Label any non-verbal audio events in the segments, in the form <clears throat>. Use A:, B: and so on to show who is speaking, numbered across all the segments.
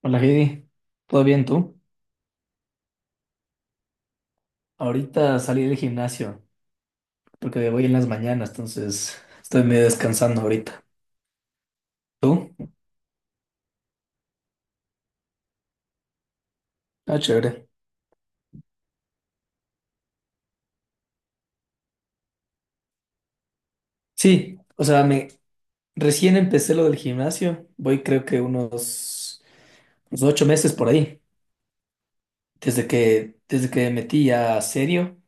A: Hola Heidi, ¿todo bien tú? Ahorita salí del gimnasio porque voy en las mañanas, entonces estoy medio descansando ahorita. ¿Tú? Ah, chévere. Sí, o sea, me recién empecé lo del gimnasio, voy creo que unos 8 meses por ahí, desde que me metí ya serio.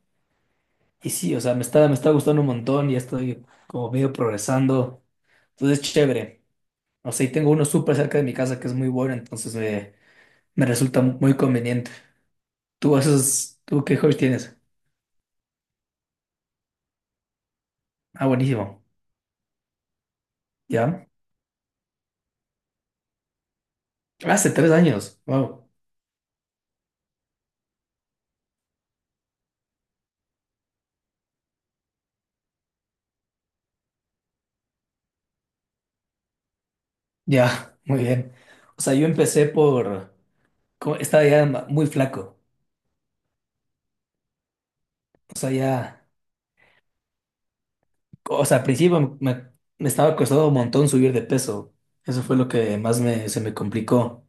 A: Y sí, o sea, me está gustando un montón, ya estoy como medio progresando, entonces es chévere. O sea, y tengo uno súper cerca de mi casa que es muy bueno, entonces me resulta muy conveniente. ¿Tú qué hobbies tienes? Ah, buenísimo. ¿Ya? Hace 3 años. Wow. Ya, muy bien. O sea, yo empecé por, estaba ya muy flaco. O sea, ya, o sea, al principio me estaba costando un montón subir de peso. Eso fue lo que más se me complicó.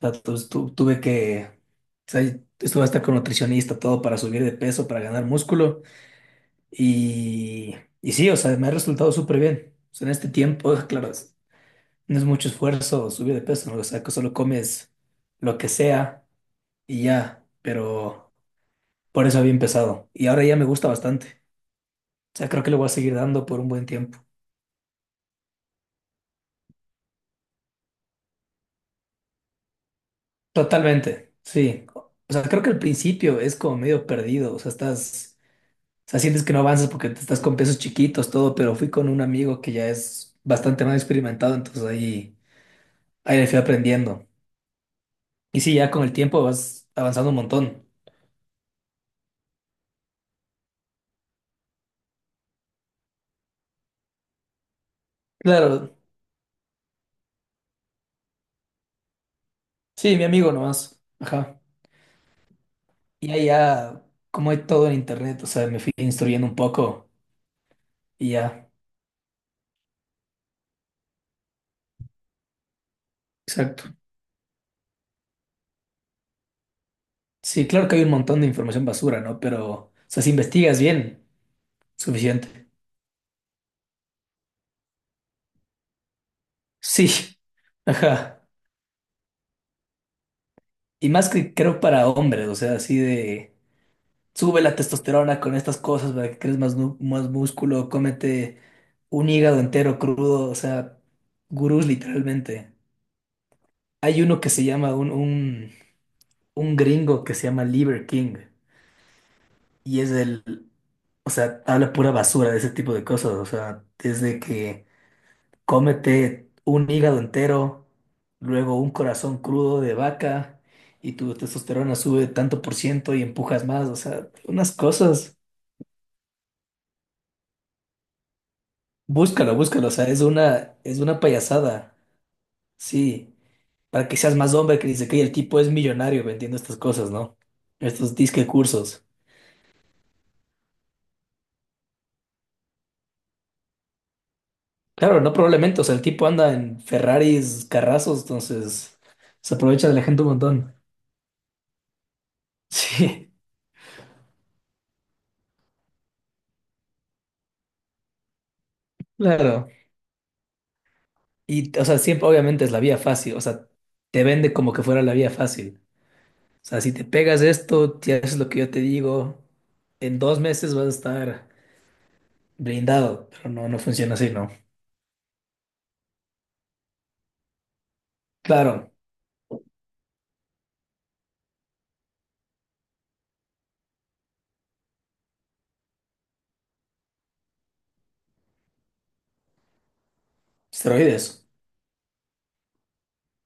A: O sea, tuve que, o sea, estuve hasta con nutricionista, todo para subir de peso, para ganar músculo. Y, y sí, o sea, me ha resultado súper bien. O sea, en este tiempo, <laughs> claro. No es mucho esfuerzo subir de peso, ¿no? O sea, que solo comes lo que sea y ya, pero por eso había empezado. Y ahora ya me gusta bastante. O sea, creo que le voy a seguir dando por un buen tiempo. Totalmente, sí. O sea, creo que al principio es como medio perdido. O sea, estás, o sea, sientes que no avanzas porque te estás con pesos chiquitos, todo, pero fui con un amigo que ya es bastante más experimentado, entonces ahí le fui aprendiendo. Y sí, ya con el tiempo vas avanzando un montón. Claro, sí, mi amigo nomás. Ajá. Y allá, como hay todo en internet, o sea, me fui instruyendo un poco y ya. Exacto. Sí, claro que hay un montón de información basura, ¿no? Pero, o sea, si investigas bien, suficiente. Sí, <laughs> ajá. Y más que creo para hombres, o sea, así de, sube la testosterona con estas cosas para que crees más, más músculo, cómete un hígado entero crudo, o sea, gurús literalmente. Hay uno que se llama un gringo que se llama Liver King y es el, o sea, habla pura basura de ese tipo de cosas, o sea, desde que cómete un hígado entero, luego un corazón crudo de vaca y tu testosterona sube tanto por ciento y empujas más, o sea, unas cosas. Búscalo, búscalo, o sea, es una payasada, sí, para que seas más hombre, que dice que el tipo es millonario vendiendo estas cosas, ¿no? Estos disque cursos. Claro, no probablemente, o sea, el tipo anda en Ferraris, carrazos, entonces se aprovecha de la gente un montón. <laughs> Sí. Claro. Y, o sea, siempre, obviamente es la vía fácil, o sea, te vende como que fuera la vía fácil. O sea, si te pegas esto, si haces lo que yo te digo, en 2 meses vas a estar blindado, pero no, no funciona así, ¿no? Claro, esteroides,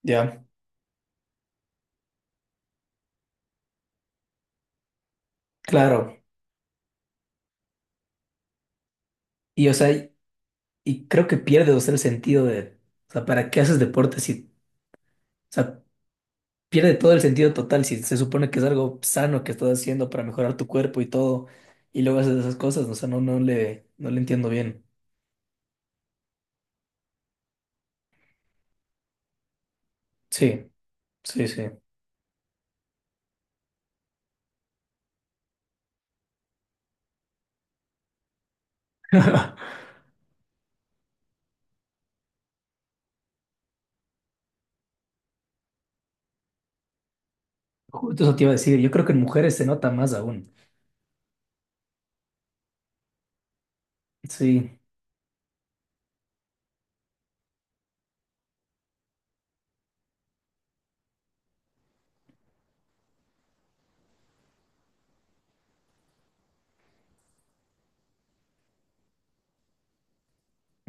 A: ya, claro. Y, o sea, y creo que pierdes, o sea, el sentido de, o sea, ¿para qué haces deporte si, o sea, pierde todo el sentido total si se supone que es algo sano que estás haciendo para mejorar tu cuerpo y todo, y luego haces esas cosas, o sea, no, no le entiendo bien. Sí. Sí, sí. <laughs> Justo eso te iba a decir. Yo creo que en mujeres se nota más aún. Sí,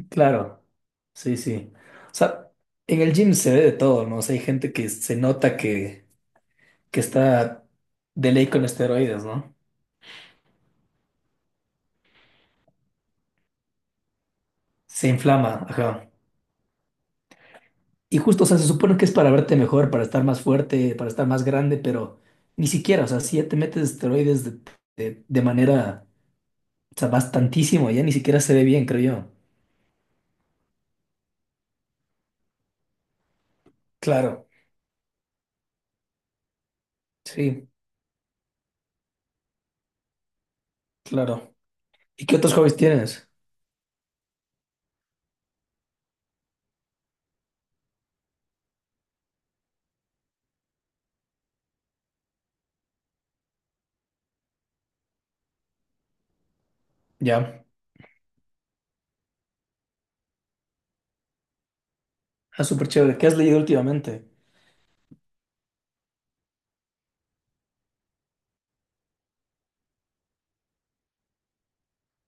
A: claro. Sí, sí. O sea, en el gym se ve de todo, ¿no? O sea, hay gente que se nota que está de ley con esteroides, ¿no? Se inflama, ajá. Y justo, o sea, se supone que es para verte mejor, para estar más fuerte, para estar más grande, pero ni siquiera, o sea, si ya te metes esteroides de, de manera, o sea, bastantísimo, ya ni siquiera se ve bien, creo yo. Claro, sí, claro. ¿Y qué otros hobbies tienes? Ya. Ah, súper chévere. ¿Qué has leído últimamente?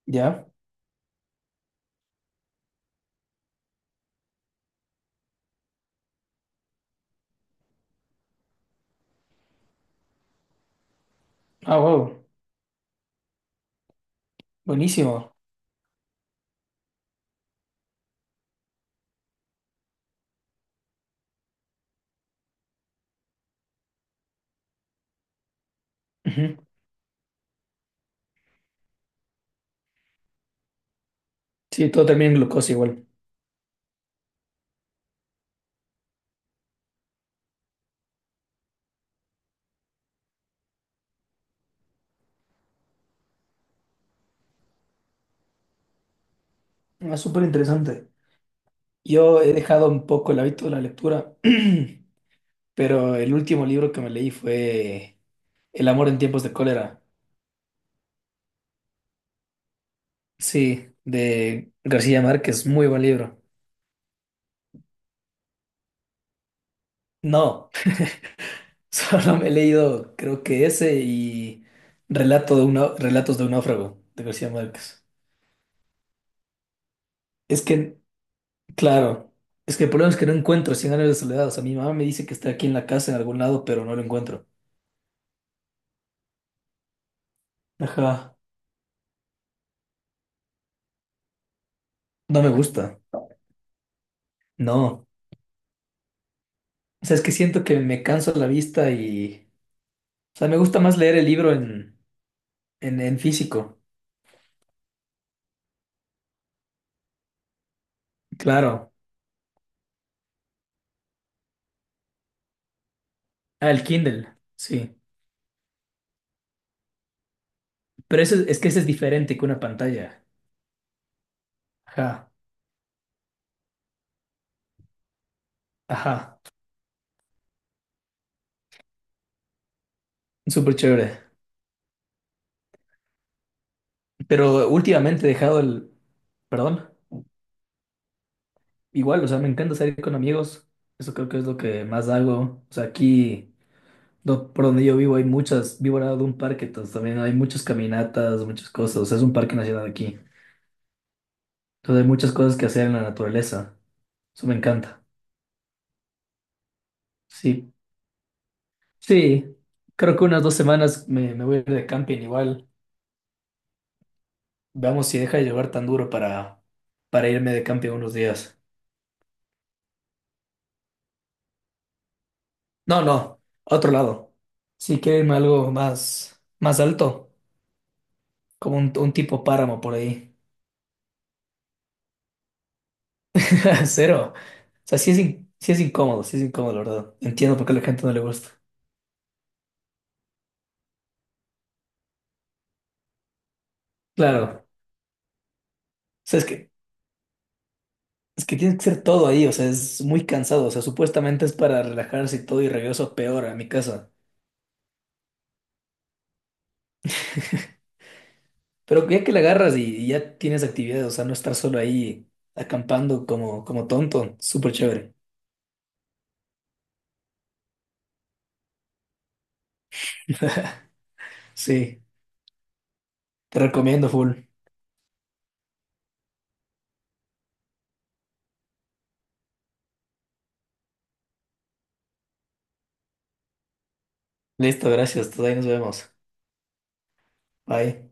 A: Ya. Ah, wow. Buenísimo. Ujú. Sí, todo termina en glucosa igual. Ah, súper interesante. Yo he dejado un poco el hábito de la lectura, <clears throat> pero el último libro que me leí fue El amor en tiempos de cólera. Sí, de García Márquez. Muy buen libro. No, <laughs> solo me he leído, creo que ese y Relatos de un náufrago de García Márquez. Es que claro, es que el problema es que no encuentro Cien años de soledad. O sea, mi mamá me dice que está aquí en la casa en algún lado, pero no lo encuentro. Ajá, no me gusta. No, o sea, es que siento que me canso la vista y. O sea, me gusta más leer el libro en, en físico. Claro, ah, el Kindle, sí. Pero eso es que ese es diferente que una pantalla. Ajá, ajá, súper chévere. Pero últimamente he dejado el. Perdón, igual, o sea, me encanta salir con amigos. Eso creo que es lo que más hago. O sea, aquí. Por donde yo vivo hay muchas, vivo al lado de un parque, entonces también hay muchas caminatas, muchas cosas, o sea, es un parque nacional aquí. Entonces hay muchas cosas que hacer en la naturaleza, eso me encanta. Sí, sí, creo que unas 2 semanas me, me voy a ir de camping igual. Veamos si deja de llover tan duro para, irme de camping unos días. No, no, a otro lado. Si quiero irme a algo más alto, como un tipo páramo por ahí. <laughs> Cero. O sea, sí es incómodo, la verdad. Entiendo por qué a la gente no le gusta. Claro, o sea, es que tiene que ser todo ahí, o sea, es muy cansado, o sea, supuestamente es para relajarse y todo y regreso peor a mi casa. Pero ya que la agarras y ya tienes actividades, o sea, no estar solo ahí acampando como, como tonto, súper chévere. <laughs> Sí, te recomiendo full. Listo, gracias, entonces ahí nos vemos. Bye.